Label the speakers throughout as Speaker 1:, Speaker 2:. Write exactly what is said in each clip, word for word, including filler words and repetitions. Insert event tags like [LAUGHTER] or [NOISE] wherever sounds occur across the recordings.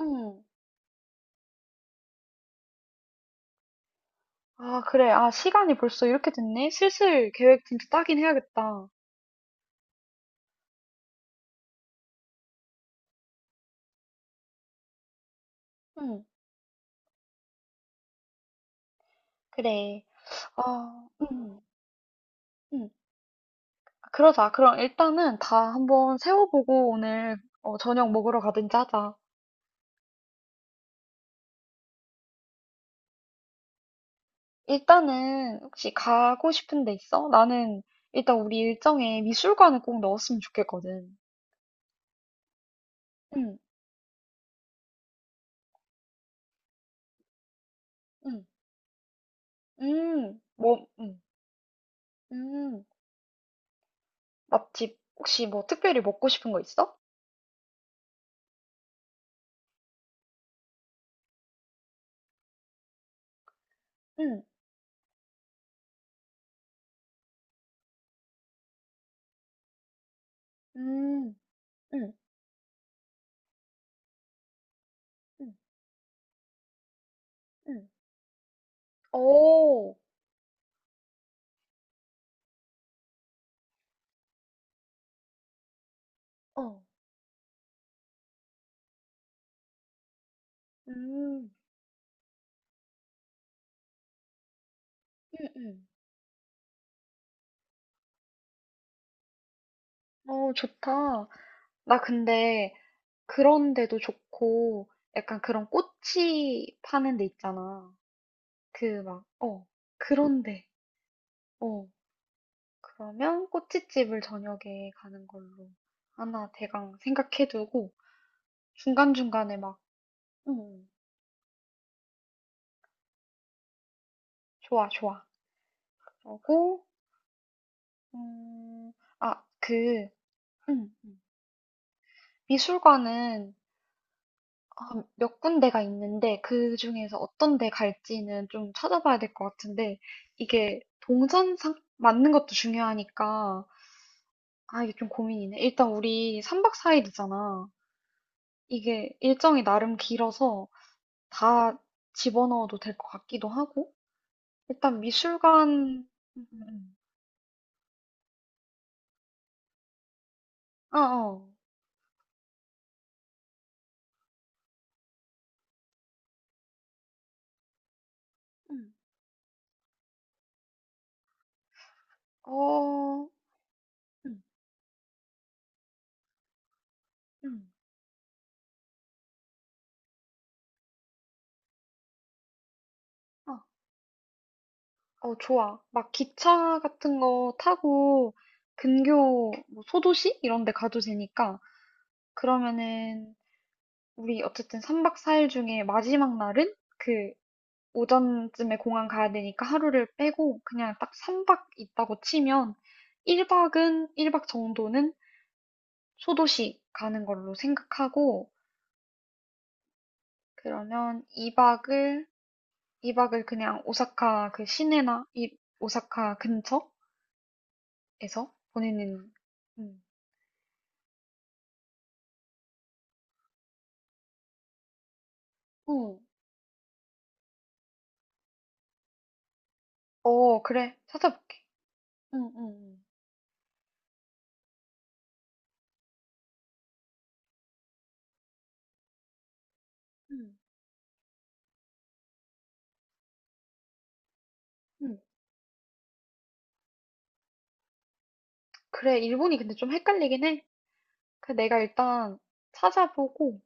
Speaker 1: 응. 아, 그래. 아, 시간이 벌써 이렇게 됐네? 슬슬 계획 진짜 짜긴 해야겠다. 응, 그래. 아, 응, 응. 그러자. 그럼 일단은 다 한번 세워보고 오늘 어, 저녁 먹으러 가든지 하자. 일단은 혹시 가고 싶은 데 있어? 나는 일단 우리 일정에 미술관을 꼭 넣었으면 좋겠거든. 응, 응, 응. 뭐, 응, 응. 맛집 혹시 뭐 특별히 먹고 싶은 거 있어? 응, 응, 응, 응, 응. 오, 어, 음, 응, 응. 어, 좋다. 나 근데 그런데도 좋고, 약간 그런 꼬치 파는 데 있잖아. 그 막, 어, 그런데, 어, 그러면 꼬치집을 저녁에 가는 걸로 하나 대강 생각해두고, 중간중간에 막, 음, 좋아, 좋아. 그러고, 음, 아, 그, 음, 음. 미술관은 아, 몇 군데가 있는데 그 중에서 어떤 데 갈지는 좀 찾아봐야 될 것 같은데 이게 동선 상 맞는 것도 중요하니까 아 이게 좀 고민이네. 일단 우리 삼 박 사 일이잖아. 이게 일정이 나름 길어서 다 집어넣어도 될 것 같기도 하고 일단 미술관 음, 음, 음. 어, 어. 음. 어, 음, 음. 어, 좋아. 막 기차 같은 거 타고 근교 뭐 소도시 이런 데 가도 되니까 그러면은 우리 어쨌든 삼 박 사 일 중에 마지막 날은 그 오전쯤에 공항 가야 되니까 하루를 빼고 그냥 딱 삼 박 있다고 치면 일 박은 일 박 정도는 소도시 가는 걸로 생각하고 그러면 이 박을 이 박을 그냥 오사카 그 시내나 이 오사카 근처에서 보내는 음. 어, 어 그래. 찾아볼게. 응, 응, 응. 응. 응. 그래. 일본이 근데 좀 헷갈리긴 해. 그 내가 일단 찾아보고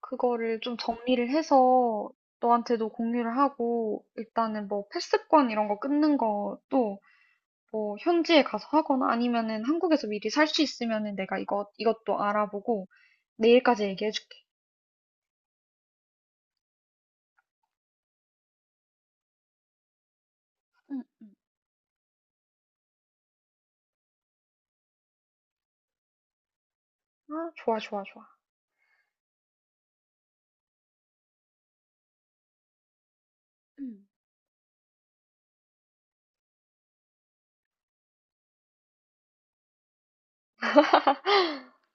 Speaker 1: 그거를 좀 정리를 해서 너한테도 공유를 하고 일단은 뭐 패스권 이런 거 끊는 것도 뭐 현지에 가서 하거나 아니면은 한국에서 미리 살 수 있으면은 내가 이것 이것도 알아보고 내일까지 얘기해 줄게. 응, 응, 아, 좋아, 좋아, 좋아. 응.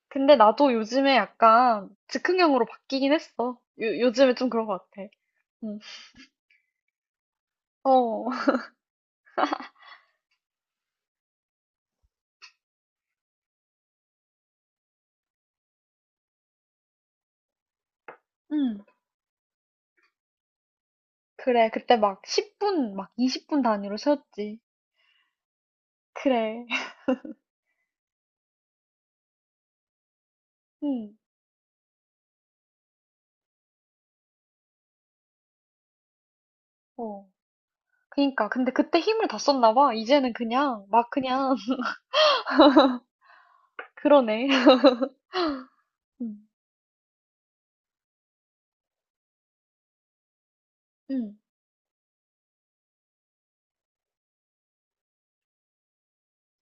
Speaker 1: 근데 나도 요즘에 약간 즉흥형으로 바뀌긴 했어. 요, 요즘에 좀 그런 것 같아. 응. 어. [LAUGHS] 응. 그래. 그때 막 십 분, 막 이십 분 단위로 세웠지. 그래. [LAUGHS] 응. 어. 그니까. 근데 그때 힘을 다 썼나 봐. 이제는 그냥, 막 그냥, [LAUGHS] 그러네. [LAUGHS] 응. 응.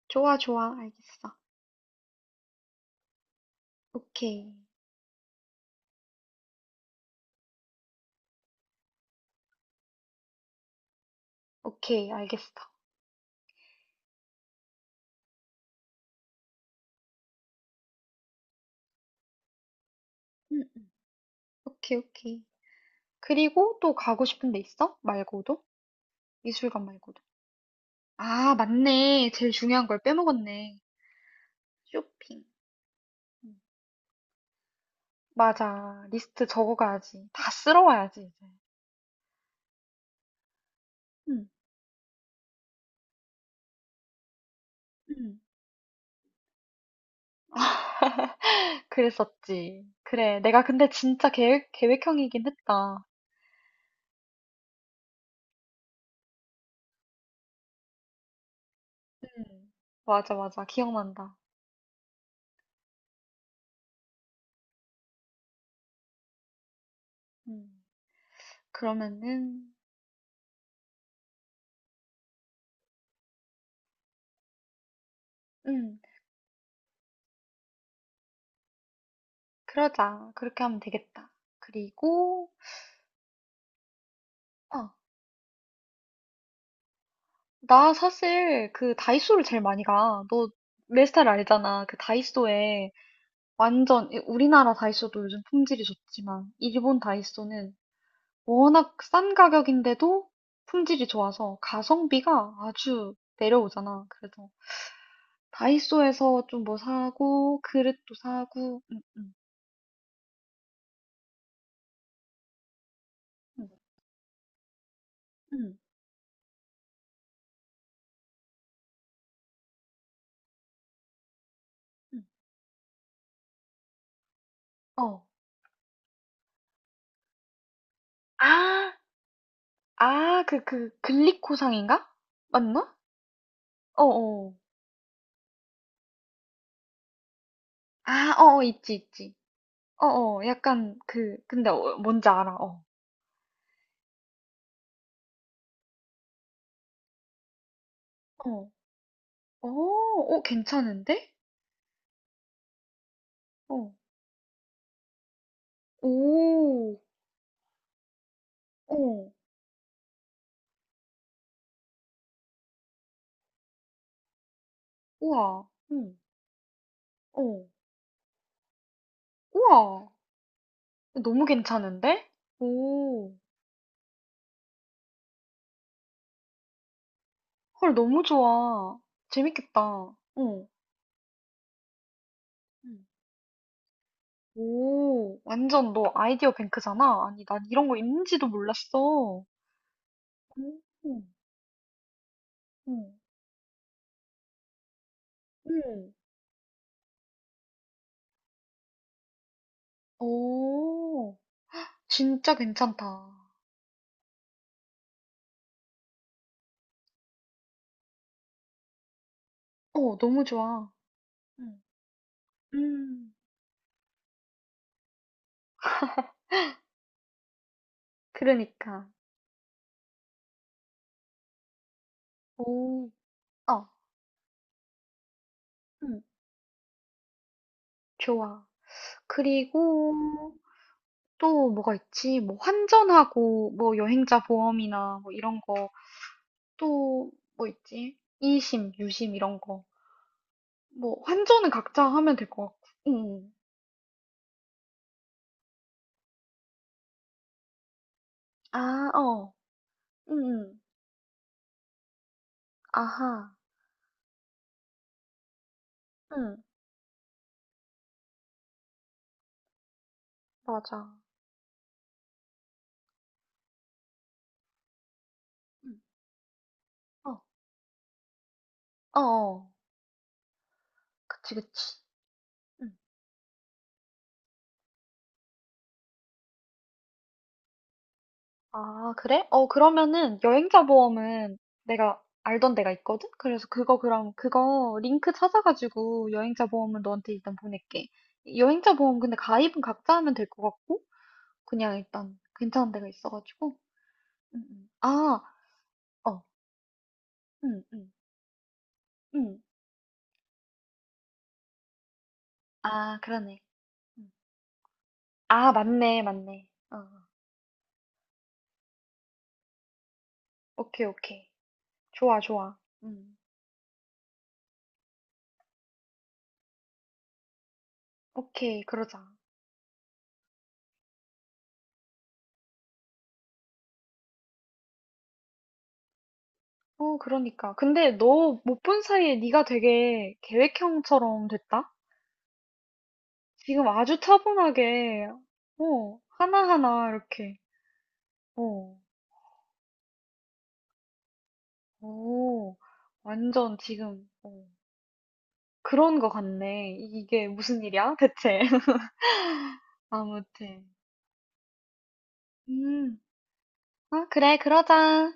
Speaker 1: 좋아, 좋아. 알겠어. 오케이. 오케이. 알겠어. 응, 응. 오케이, 오케이. 그리고 또 가고 싶은 데 있어? 말고도? 미술관 말고도. 아, 맞네. 제일 중요한 걸 빼먹었네. 쇼핑. 음. 맞아. 리스트 적어가야지. 다 쓸어와야지, 이제. 응. 응. 그랬었지. 그래. 내가 근데 진짜 계획, 계획형이긴 했다. 음. 맞아, 맞아. 기억난다. 음. 그러면은, 음, 그러자. 그렇게 하면 되겠다. 그리고, 아, 나 사실 그 다이소를 제일 많이 가. 너 내 스타일 알잖아. 그 다이소에 완전, 이- 우리나라 다이소도 요즘 품질이 좋지만, 일본 다이소는 워낙 싼 가격인데도 품질이 좋아서 가성비가 아주 내려오잖아. 그래서 다이소에서 좀 뭐 사고, 그릇도 사고, 음, 음, 응, 응, 응. 응, 응. 어. 아, 아, 그, 그, 글리코상인가? 맞나? 어어. 아, 어어, 있지, 있지. 어어, 약간 그, 근데 어, 뭔지 알아, 어. 어, 어, 어, 괜찮은데? 어, 오, 어, 우와, 응, 어, 우와, 너무 괜찮은데? 오, 헐, 너무 좋아. 재밌겠다. 어. 응. 오, 완전 너 아이디어 뱅크잖아? 아니, 난 이런 거 있는지도 몰랐어. 음, 음, 음. 오, 진짜 괜찮다. 어, 너무 좋아. 음, 음, 그러니까. 오, 어, 음, 좋아. 그리고 또 뭐가 있지? 뭐 환전하고, 뭐 여행자 보험이나 뭐 이런 거, 또 뭐 있지? 이심, 유심 이런 거. 뭐 환전은 각자 하면 될 것 같고. 응 아, 어. 응. 아하. 응. 맞아. 응. 어. 어어. 그치, 그치. 응. 아, 그래? 어, 그러면은 여행자 보험은 내가 알던 데가 있거든? 그래서 그거 그럼 그거 링크 찾아가지고 여행자 보험은 너한테 일단 보낼게. 여행자 보험 근데 가입은 각자 하면 될 것 같고 그냥 일단 괜찮은 데가 있어가지고. 응, 응. 아, 어. 응, 응. 응. 아, 그러네. 응. 아, 맞네, 맞네. 어. 오케이, 오케이. 좋아, 좋아. 음. 오케이, 그러자. 어, 그러니까. 근데 너 못 본 사이에 네가 되게 계획형처럼 됐다? 지금 아주 차분하게, 어, 하나하나 이렇게, 어, 오, 완전 지금, 어, 그런 거 같네. 이게 무슨 일이야, 대체? [LAUGHS] 아무튼. 음, 아, 그래, 그러자.